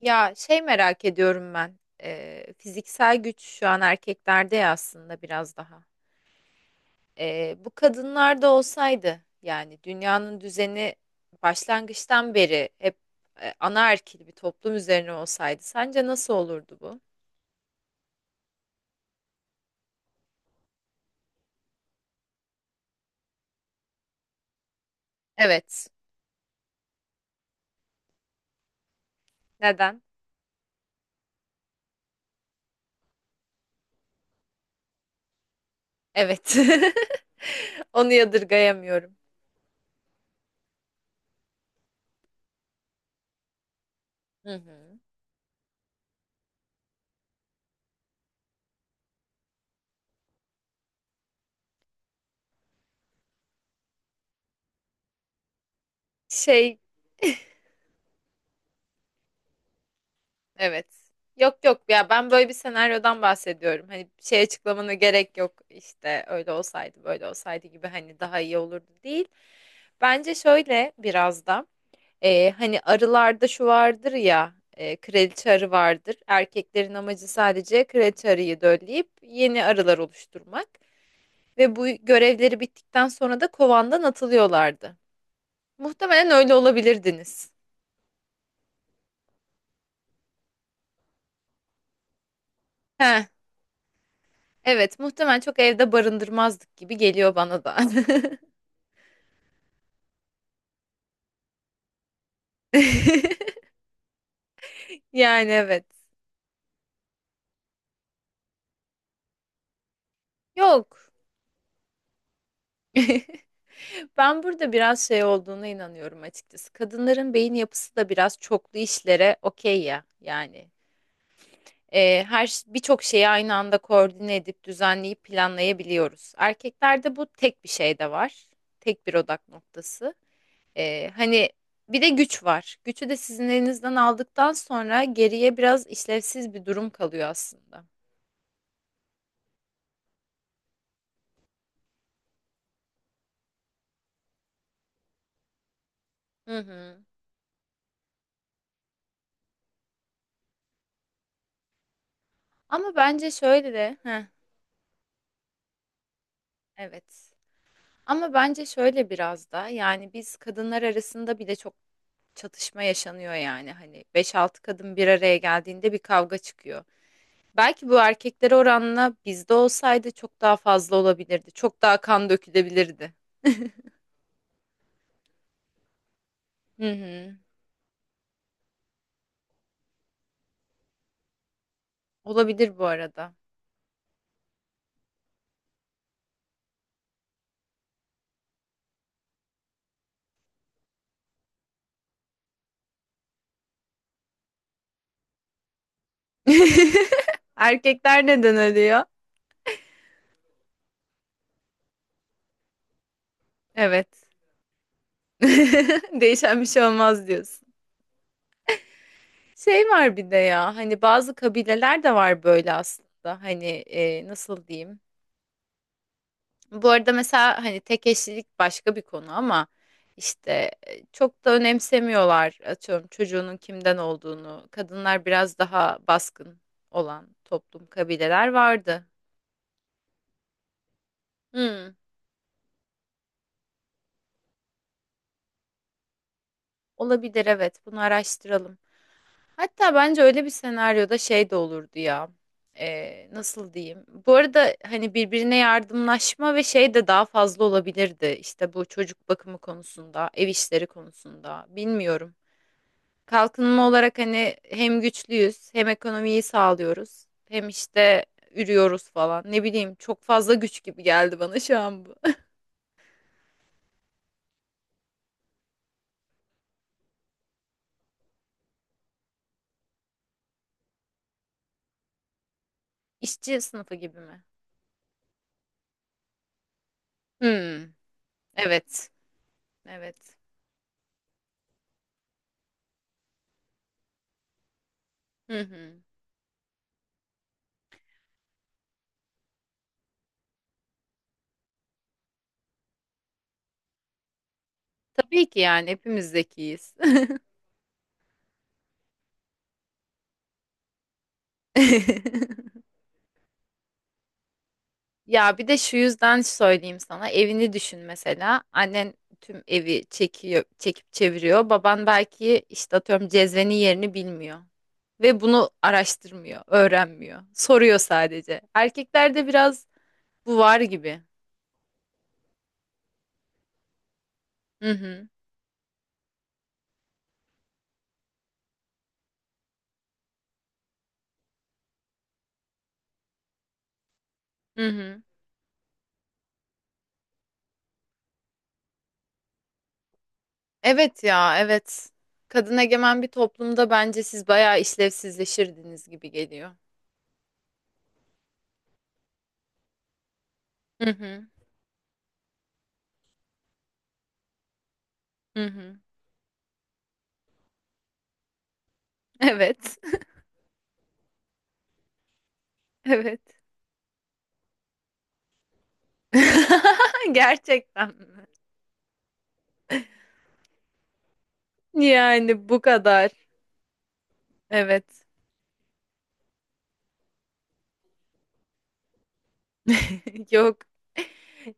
Ya şey merak ediyorum ben. Fiziksel güç şu an erkeklerde ya aslında biraz daha. Bu kadınlarda olsaydı yani dünyanın düzeni başlangıçtan beri hep anaerkil bir toplum üzerine olsaydı sence nasıl olurdu bu? Evet. Neden? Evet. Onu yadırgayamıyorum. Hı hı. Şey. Evet. Yok yok ya, ben böyle bir senaryodan bahsediyorum. Hani bir şey açıklamana gerek yok, işte öyle olsaydı böyle olsaydı gibi, hani daha iyi olurdu değil. Bence şöyle biraz da hani arılarda şu vardır ya, kraliçe arı vardır. Erkeklerin amacı sadece kraliçe arıyı dölleyip yeni arılar oluşturmak ve bu görevleri bittikten sonra da kovandan atılıyorlardı. Muhtemelen öyle olabilirdiniz. Heh, Evet, muhtemelen çok evde barındırmazdık gibi geliyor bana da. Yani evet. Yok. Ben burada biraz şey olduğuna inanıyorum açıkçası. Kadınların beyin yapısı da biraz çoklu işlere okey ya. Yani birçok şeyi aynı anda koordine edip düzenleyip planlayabiliyoruz. Erkeklerde bu tek bir şey de var. Tek bir odak noktası. Hani bir de güç var. Gücü de sizin elinizden aldıktan sonra geriye biraz işlevsiz bir durum kalıyor aslında. Hı hı. Ama bence şöyle de, evet. Ama bence şöyle biraz da, yani biz kadınlar arasında bile çok çatışma yaşanıyor. Yani hani beş altı kadın bir araya geldiğinde bir kavga çıkıyor. Belki bu erkekler oranla bizde olsaydı çok daha fazla olabilirdi. Çok daha kan dökülebilirdi. Hı hı. Olabilir bu arada. Erkekler neden ölüyor? Evet. Değişen bir şey olmaz diyorsun. Şey var bir de ya, hani bazı kabileler de var böyle aslında, hani nasıl diyeyim. Bu arada mesela hani tek eşlilik başka bir konu ama işte çok da önemsemiyorlar, atıyorum çocuğunun kimden olduğunu. Kadınlar biraz daha baskın olan toplum kabileler vardı. Hmm. Olabilir, evet, bunu araştıralım. Hatta bence öyle bir senaryoda şey de olurdu ya. Nasıl diyeyim? Bu arada hani birbirine yardımlaşma ve şey de daha fazla olabilirdi. İşte bu çocuk bakımı konusunda, ev işleri konusunda bilmiyorum. Kalkınma olarak hani hem güçlüyüz, hem ekonomiyi sağlıyoruz, hem işte ürüyoruz falan. Ne bileyim, çok fazla güç gibi geldi bana şu an bu. İşçi sınıfı gibi mi? Hmm, evet. Evet. Hı hı. Tabii ki yani, hepimiz zekiyiz. Ya bir de şu yüzden söyleyeyim sana, evini düşün, mesela annen tüm evi çekiyor, çekip çeviriyor, baban belki işte atıyorum cezvenin yerini bilmiyor ve bunu araştırmıyor, öğrenmiyor, soruyor sadece. Erkeklerde biraz bu var gibi. Hı hı, hı hı. Evet ya, evet, kadın egemen bir toplumda bence siz bayağı işlevsizleşirdiniz gibi geliyor. Hı hı, hı hı. Evet, evet. Gerçekten mi? Yani bu kadar. Evet. Yok.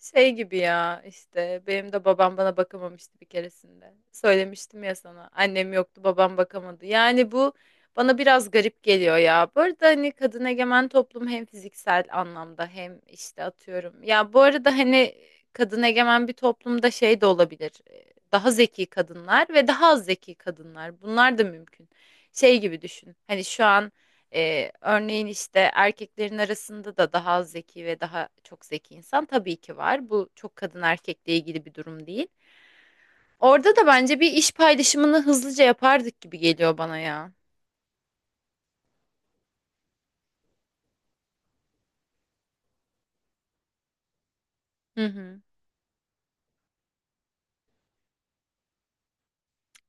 Şey gibi ya, işte benim de babam bana bakamamıştı bir keresinde. Söylemiştim ya sana. Annem yoktu, babam bakamadı. Yani bu bana biraz garip geliyor ya. Bu arada hani kadın egemen toplum, hem fiziksel anlamda hem işte atıyorum. Ya bu arada hani kadın egemen bir toplumda şey de olabilir. Daha zeki kadınlar ve daha az zeki kadınlar. Bunlar da mümkün. Şey gibi düşün. Hani şu an örneğin işte erkeklerin arasında da daha az zeki ve daha çok zeki insan tabii ki var. Bu çok kadın erkekle ilgili bir durum değil. Orada da bence bir iş paylaşımını hızlıca yapardık gibi geliyor bana ya. Hı hı.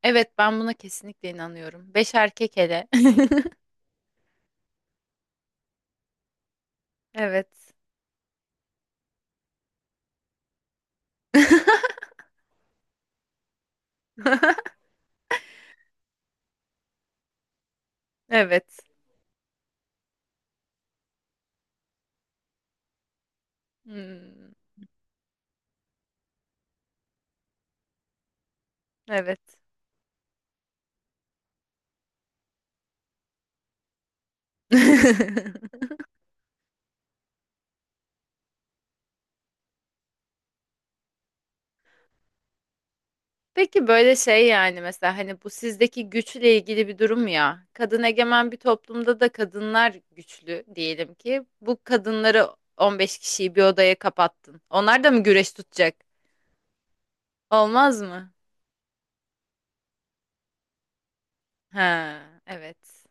Evet, ben buna kesinlikle inanıyorum. Beş erkek hele. Evet. Evet. Hmm, evet. Peki böyle şey, yani mesela hani bu sizdeki güçle ilgili bir durum ya. Kadın egemen bir toplumda da kadınlar güçlü diyelim ki. Bu kadınları, 15 kişiyi bir odaya kapattın. Onlar da mı güreş tutacak? Olmaz mı? Ha, evet.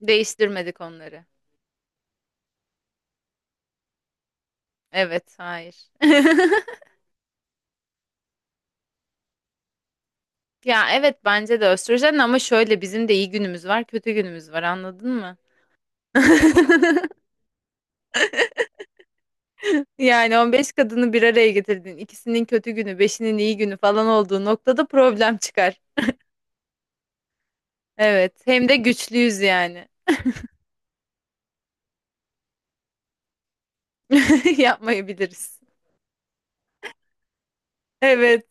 Değiştirmedik onları. Evet, hayır. Ya evet, bence de östrojen, ama şöyle, bizim de iyi günümüz var, kötü günümüz var, anladın mı? Yani 15 kadını bir araya getirdin. İkisinin kötü günü, beşinin iyi günü falan olduğu noktada problem çıkar. Evet. Hem de güçlüyüz yani. Yapmayabiliriz. Evet.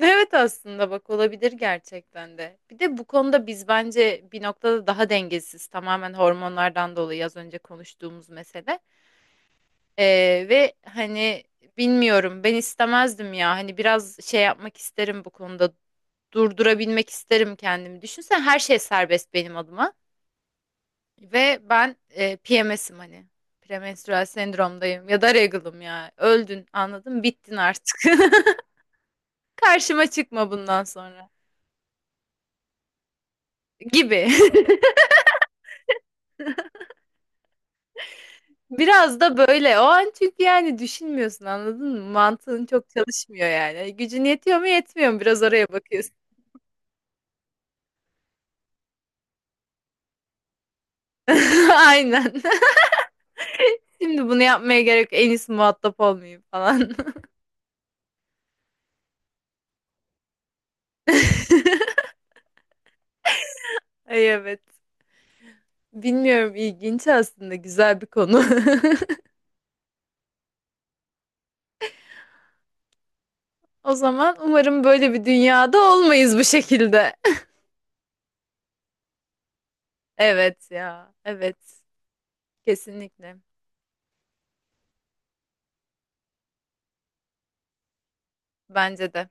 Evet aslında, bak olabilir gerçekten de. Bir de bu konuda biz bence bir noktada daha dengesiz. Tamamen hormonlardan dolayı, az önce konuştuğumuz mesele. Ve hani, bilmiyorum, ben istemezdim ya. Hani biraz şey yapmak isterim bu konuda. Durdurabilmek isterim kendimi. Düşünsen her şey serbest benim adıma. Ve ben PMS'im hani. Premenstrüel sendromdayım ya da regalım ya. Öldün, anladın, bittin artık. Karşıma çıkma bundan sonra gibi. Biraz da böyle o an, çünkü yani düşünmüyorsun, anladın mı? Mantığın çok çalışmıyor yani. Gücün yetiyor mu yetmiyor mu, biraz oraya bakıyorsun. Aynen. Şimdi bunu yapmaya gerek yok. En iyisi muhatap olmayayım falan. Ay evet. Bilmiyorum, ilginç aslında, güzel bir konu. O zaman umarım böyle bir dünyada olmayız bu şekilde. Evet ya, evet. Kesinlikle. Bence de.